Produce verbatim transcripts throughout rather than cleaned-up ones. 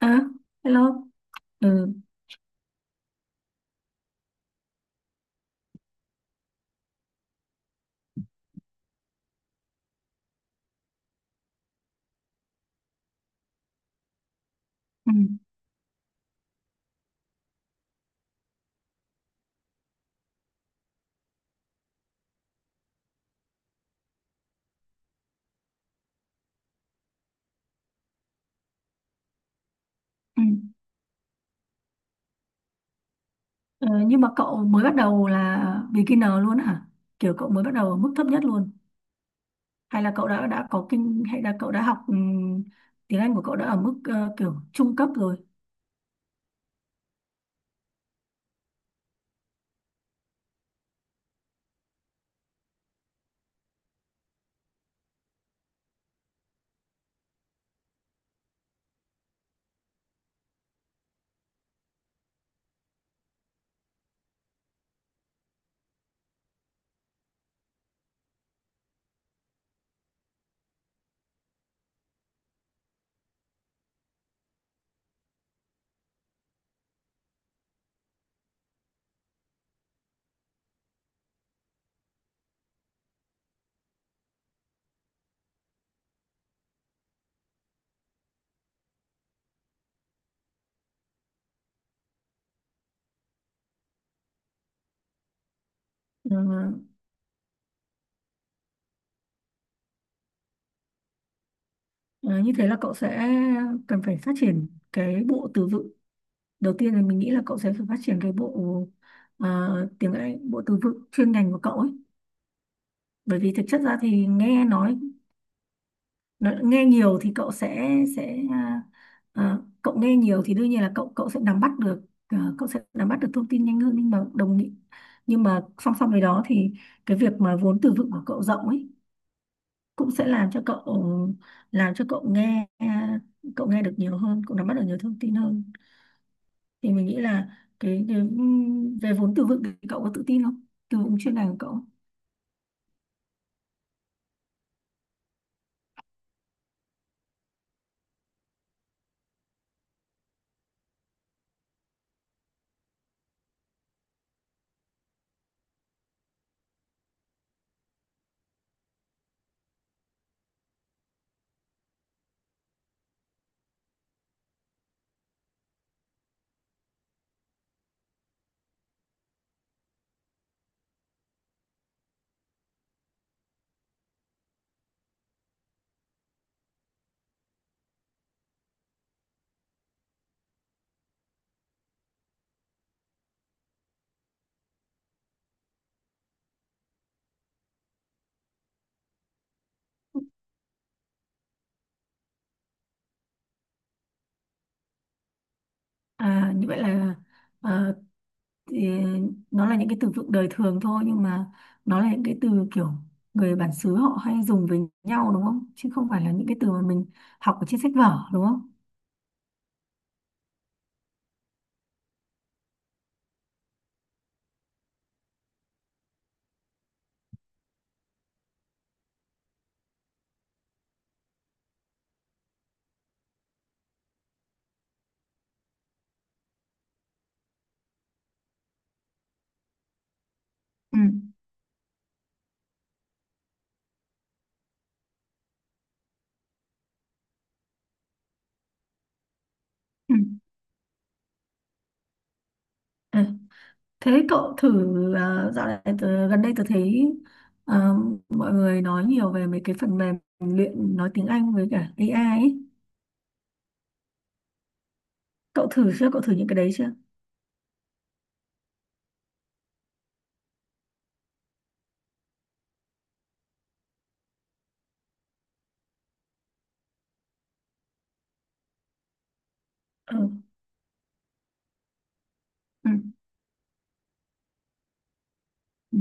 À, hello. Ừ. Ừ, ừ. Ờ, nhưng mà cậu mới bắt đầu là beginner luôn hả? Kiểu cậu mới bắt đầu ở mức thấp nhất luôn. Hay là cậu đã đã có kinh hay là cậu đã học ừm, tiếng Anh của cậu đã ở mức ờ, kiểu trung cấp rồi. Ờ, ờ, Như thế là cậu sẽ cần phải phát triển cái bộ từ vựng. Đầu tiên là mình nghĩ là cậu sẽ phải phát triển cái bộ ờ, tiếng Anh, bộ từ vựng chuyên ngành của cậu ấy. Bởi vì thực chất ra thì nghe nói nó nghe nhiều thì cậu sẽ sẽ à, à, cậu nghe nhiều thì đương nhiên là cậu cậu sẽ nắm bắt được à, cậu sẽ nắm bắt được thông tin nhanh hơn, nhưng mà đồng ý, nhưng mà song song với đó thì cái việc mà vốn từ vựng của cậu rộng ấy cũng sẽ làm cho cậu, làm cho cậu nghe, cậu nghe được nhiều hơn, cậu nắm bắt được nhiều thông tin hơn. Thì mình nghĩ là cái, cái về vốn từ vựng thì cậu có tự tin không, từ vựng chuyên ngành của cậu. À, như vậy là à, Thì nó là những cái từ vựng đời thường thôi, nhưng mà nó là những cái từ kiểu người bản xứ họ hay dùng với nhau, đúng không, chứ không phải là những cái từ mà mình học ở trên sách vở, đúng không? ừ ừ à, Thế cậu thử, ờ, dạo này tớ, gần đây tớ thấy ờ, mọi người nói nhiều về mấy cái phần mềm luyện nói tiếng Anh với cả ây ai ấy. Cậu thử chưa, cậu thử những cái đấy chưa? ừ. ừ ừ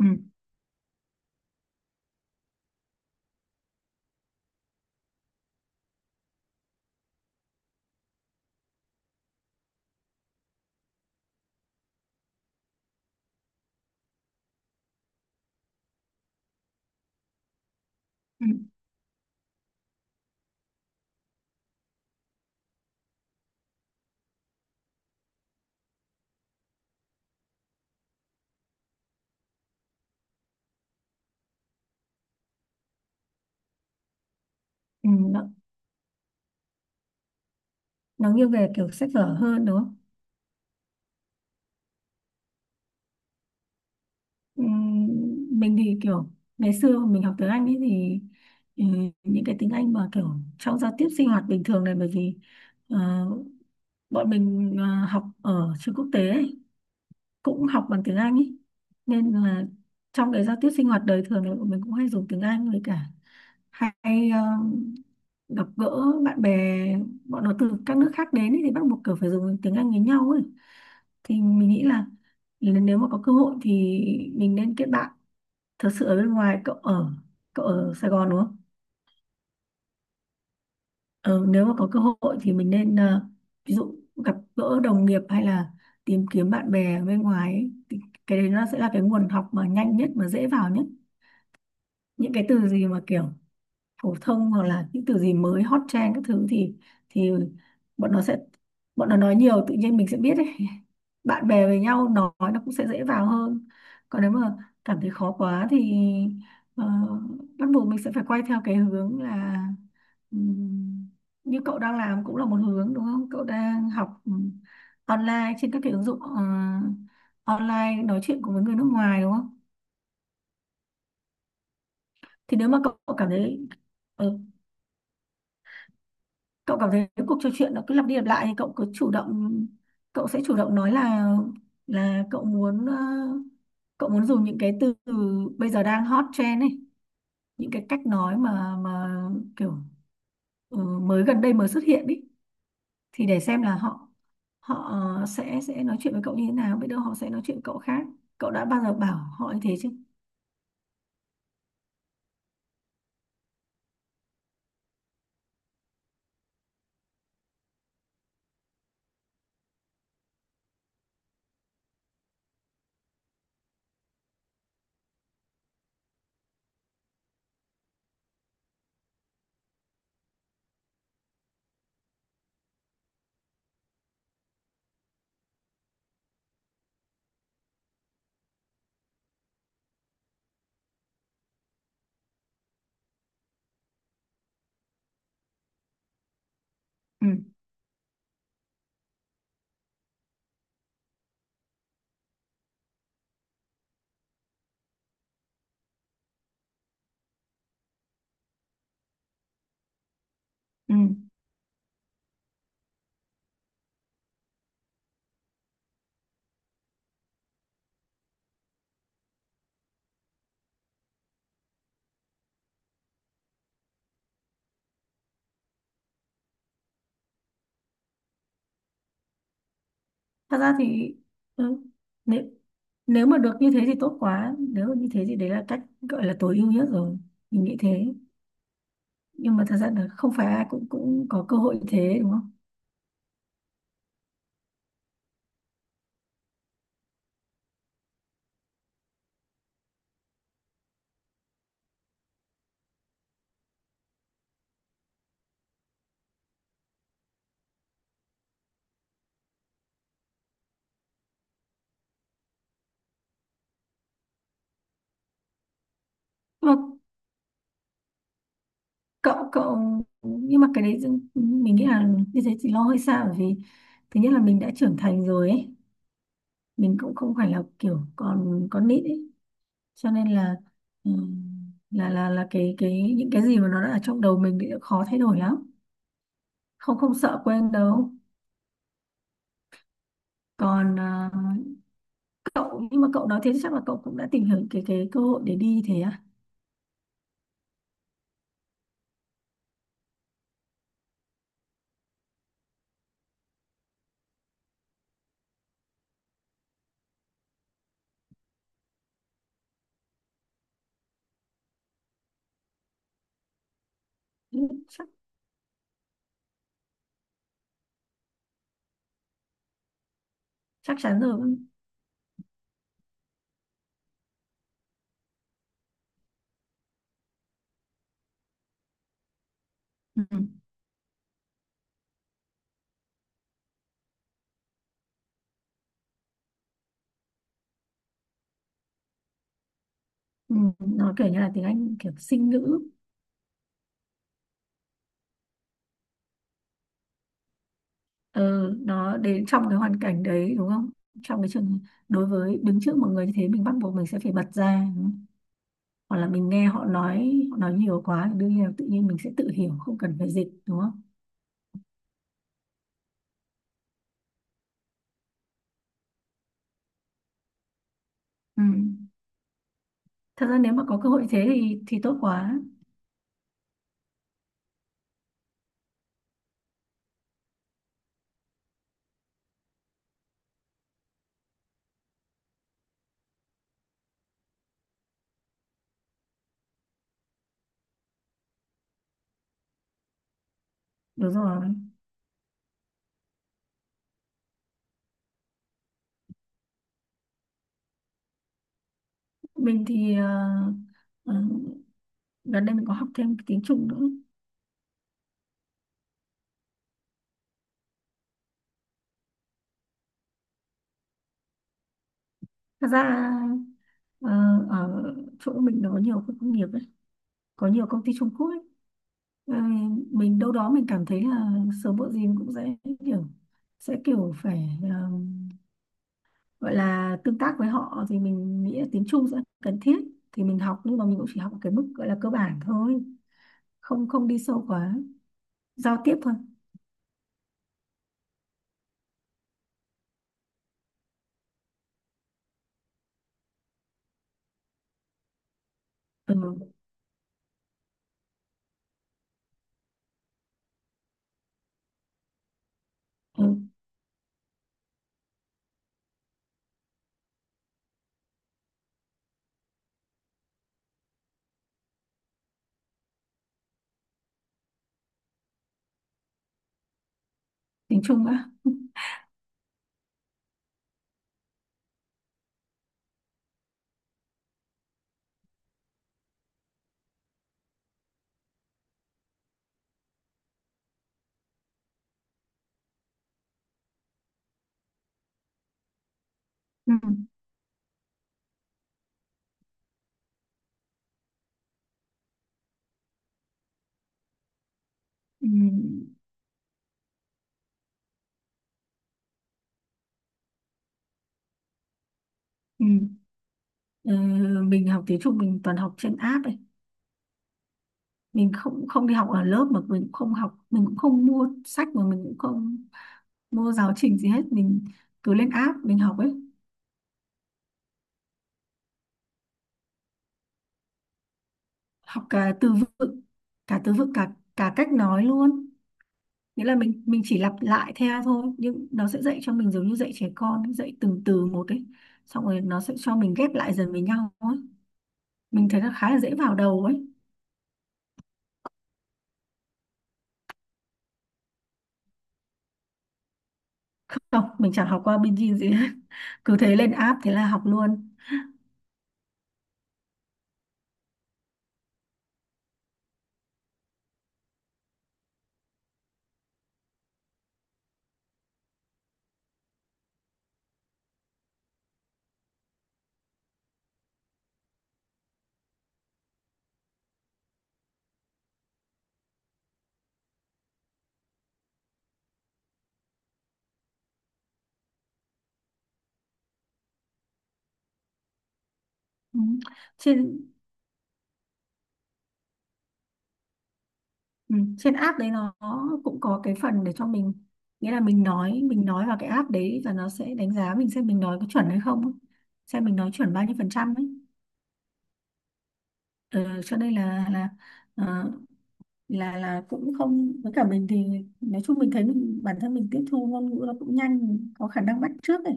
ừ ừ Ừ, nó, nó nghiêng về kiểu sách vở hơn đúng không? Ừm, mình thì kiểu ngày xưa mình học tiếng Anh ấy, thì ừ, những cái tiếng Anh mà kiểu trong giao tiếp sinh hoạt bình thường này, bởi vì ờ, bọn mình ờ, học ở trường quốc tế ấy, cũng học bằng tiếng Anh ấy. Nên là trong cái giao tiếp sinh hoạt đời thường này bọn mình cũng hay dùng tiếng Anh, với cả hay ờ, gặp gỡ bạn bè bọn nó từ các nước khác đến ấy, thì bắt buộc kiểu phải dùng tiếng Anh với nhau ấy. Thì mình nghĩ là nếu mà có cơ hội thì mình nên kết bạn thật sự ở bên ngoài. Cậu ở, cậu ở Sài Gòn đúng không? Ờ, nếu mà có cơ hội thì mình nên ờ, ví dụ gặp gỡ đồng nghiệp hay là tìm kiếm bạn bè ở bên ngoài ấy, thì cái đấy nó sẽ là cái nguồn học mà nhanh nhất, mà dễ vào nhất. Những cái từ gì mà kiểu phổ thông hoặc là những từ gì mới hot trend các thứ thì thì bọn nó sẽ, bọn nó nói nhiều tự nhiên mình sẽ biết ấy. Bạn bè với nhau nói nó cũng sẽ dễ vào hơn. Còn nếu mà cảm thấy khó quá thì ờ, bắt buộc mình sẽ phải quay theo cái hướng là ừm, như cậu đang làm cũng là một hướng, đúng không, cậu đang học ừm, online trên các cái ứng dụng ờ, online nói chuyện cùng với người nước ngoài, đúng không? Thì nếu mà cậu cậu cảm thấy ừ, cậu cảm thấy cái cuộc trò chuyện nó cứ lặp đi lặp lại thì cậu cứ chủ động, cậu sẽ chủ động nói là là cậu muốn ờ, cậu muốn dùng những cái từ bây giờ đang hot trend ấy, những cái cách nói mà mà kiểu ừ, mới gần đây mới xuất hiện ấy, thì để xem là họ, họ ờ, sẽ sẽ nói chuyện với cậu như thế nào, biết đâu họ sẽ nói chuyện với cậu khác. Cậu đã bao giờ bảo họ như thế chứ? ừ ừ Thật ra thì ừ, nếu nếu mà được như thế thì tốt quá, nếu mà như thế thì đấy là cách gọi là tối ưu nhất rồi, mình nghĩ thế. Nhưng mà thật ra là không phải ai cũng, cũng có cơ hội như thế, đúng không? Nhưng mà cậu cậu nhưng mà cái đấy dưng- mình nghĩ là như thế thì lo hơi xa, bởi vì thứ nhất là mình đã trưởng thành rồi ấy, mình cũng không phải là kiểu còn con nít ấy, cho nên là ừ, là là là cái cái những cái gì mà nó đã ở trong đầu mình thì khó thay đổi lắm, không không sợ quên đâu. Còn à, cậu, nhưng mà cậu nói thế chắc là cậu cũng đã tìm hiểu cái cái cơ hội để đi thế à. Ừ, chắc chắc chắn rồi. ừ. Ừ. nó kiểu như là tiếng Anh kiểu sinh ngữ, ừ, nó đến trong cái hoàn cảnh đấy, đúng không, trong cái trường, đối với đứng trước một người như thế mình bắt buộc mình sẽ phải bật ra, hoặc là mình nghe họ nói, họ nói nhiều quá thì đương nhiên là tự nhiên mình sẽ tự hiểu, không cần phải dịch đúng không. Ừ. Thật ra nếu mà có cơ hội thế thì thì tốt quá. Đúng rồi, mình thì ờ, ờ, gần đây mình có học thêm cái tiếng Trung nữa. Thật ra ờ, ở chỗ mình đó nhiều khu công nghiệp ấy, có nhiều công ty Trung Quốc ấy. Ờ, mình đâu đó mình cảm thấy là sớm muộn gì mình cũng sẽ kiểu, sẽ kiểu phải ờ, gọi là tương tác với họ, thì mình nghĩ là tiếng Trung sẽ cần thiết. Thì mình học, nhưng mà mình cũng chỉ học ở cái mức gọi là cơ bản thôi, không không đi sâu quá, giao tiếp thôi. ừ, ừ, Tiếng Trung á. ừ, ừ, ừ. Ờ, mình học tiếng Trung mình toàn học trên app ấy, mình không không đi học ở lớp, mà mình cũng không học, mình cũng không mua sách, mà mình cũng không mua giáo trình gì hết, mình cứ lên app mình học ấy. Học cả từ vựng, cả từ vựng cả cả cách nói luôn. Nghĩa là mình mình chỉ lặp lại theo thôi, nhưng nó sẽ dạy cho mình giống như dạy trẻ con, dạy từng từ một ấy, xong rồi nó sẽ cho mình ghép lại dần với nhau ấy, mình thấy nó khá là dễ vào đầu ấy. Không, mình chẳng học qua binge gì hết. Cứ thế lên app thế là học luôn. Ừ. trên Ừ. Trên app đấy nó cũng có cái phần để cho mình, nghĩa là mình nói, mình nói vào cái app đấy và nó sẽ đánh giá mình xem mình nói có chuẩn hay không ấy, xem mình nói chuẩn bao nhiêu phần trăm ấy. ừ, cho nên là là ờ, là là cũng không, với cả mình thì nói chung mình thấy mình, bản thân mình tiếp thu ngôn ngữ nó cũng nhanh, mình có khả năng bắt chước ấy.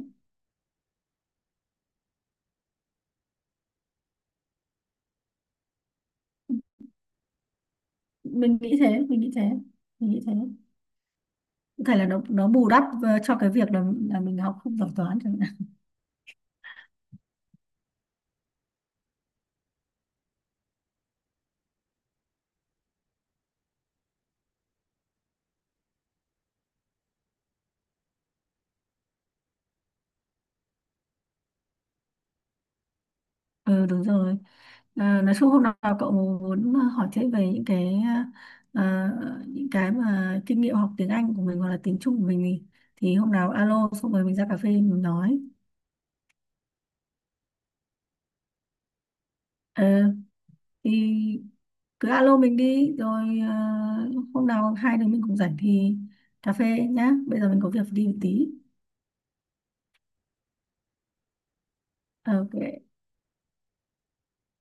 mình nghĩ thế mình nghĩ thế mình nghĩ thế. Có thể là nó nó bù đắp ờ, cho cái việc là là mình học không giỏi toán chẳng hạn. Ừ đúng rồi. À, nói chung hôm nào cậu muốn hỏi thêm về những cái à, những cái mà kinh nghiệm học tiếng Anh của mình hoặc là tiếng Trung của mình thì, thì hôm nào alo xong rồi mình ra cà phê mình nói. Ờ, thì cứ alo mình đi rồi à, hôm nào hai đứa mình cùng rảnh thì cà phê nhá. Bây giờ mình có việc đi một tí. Ok.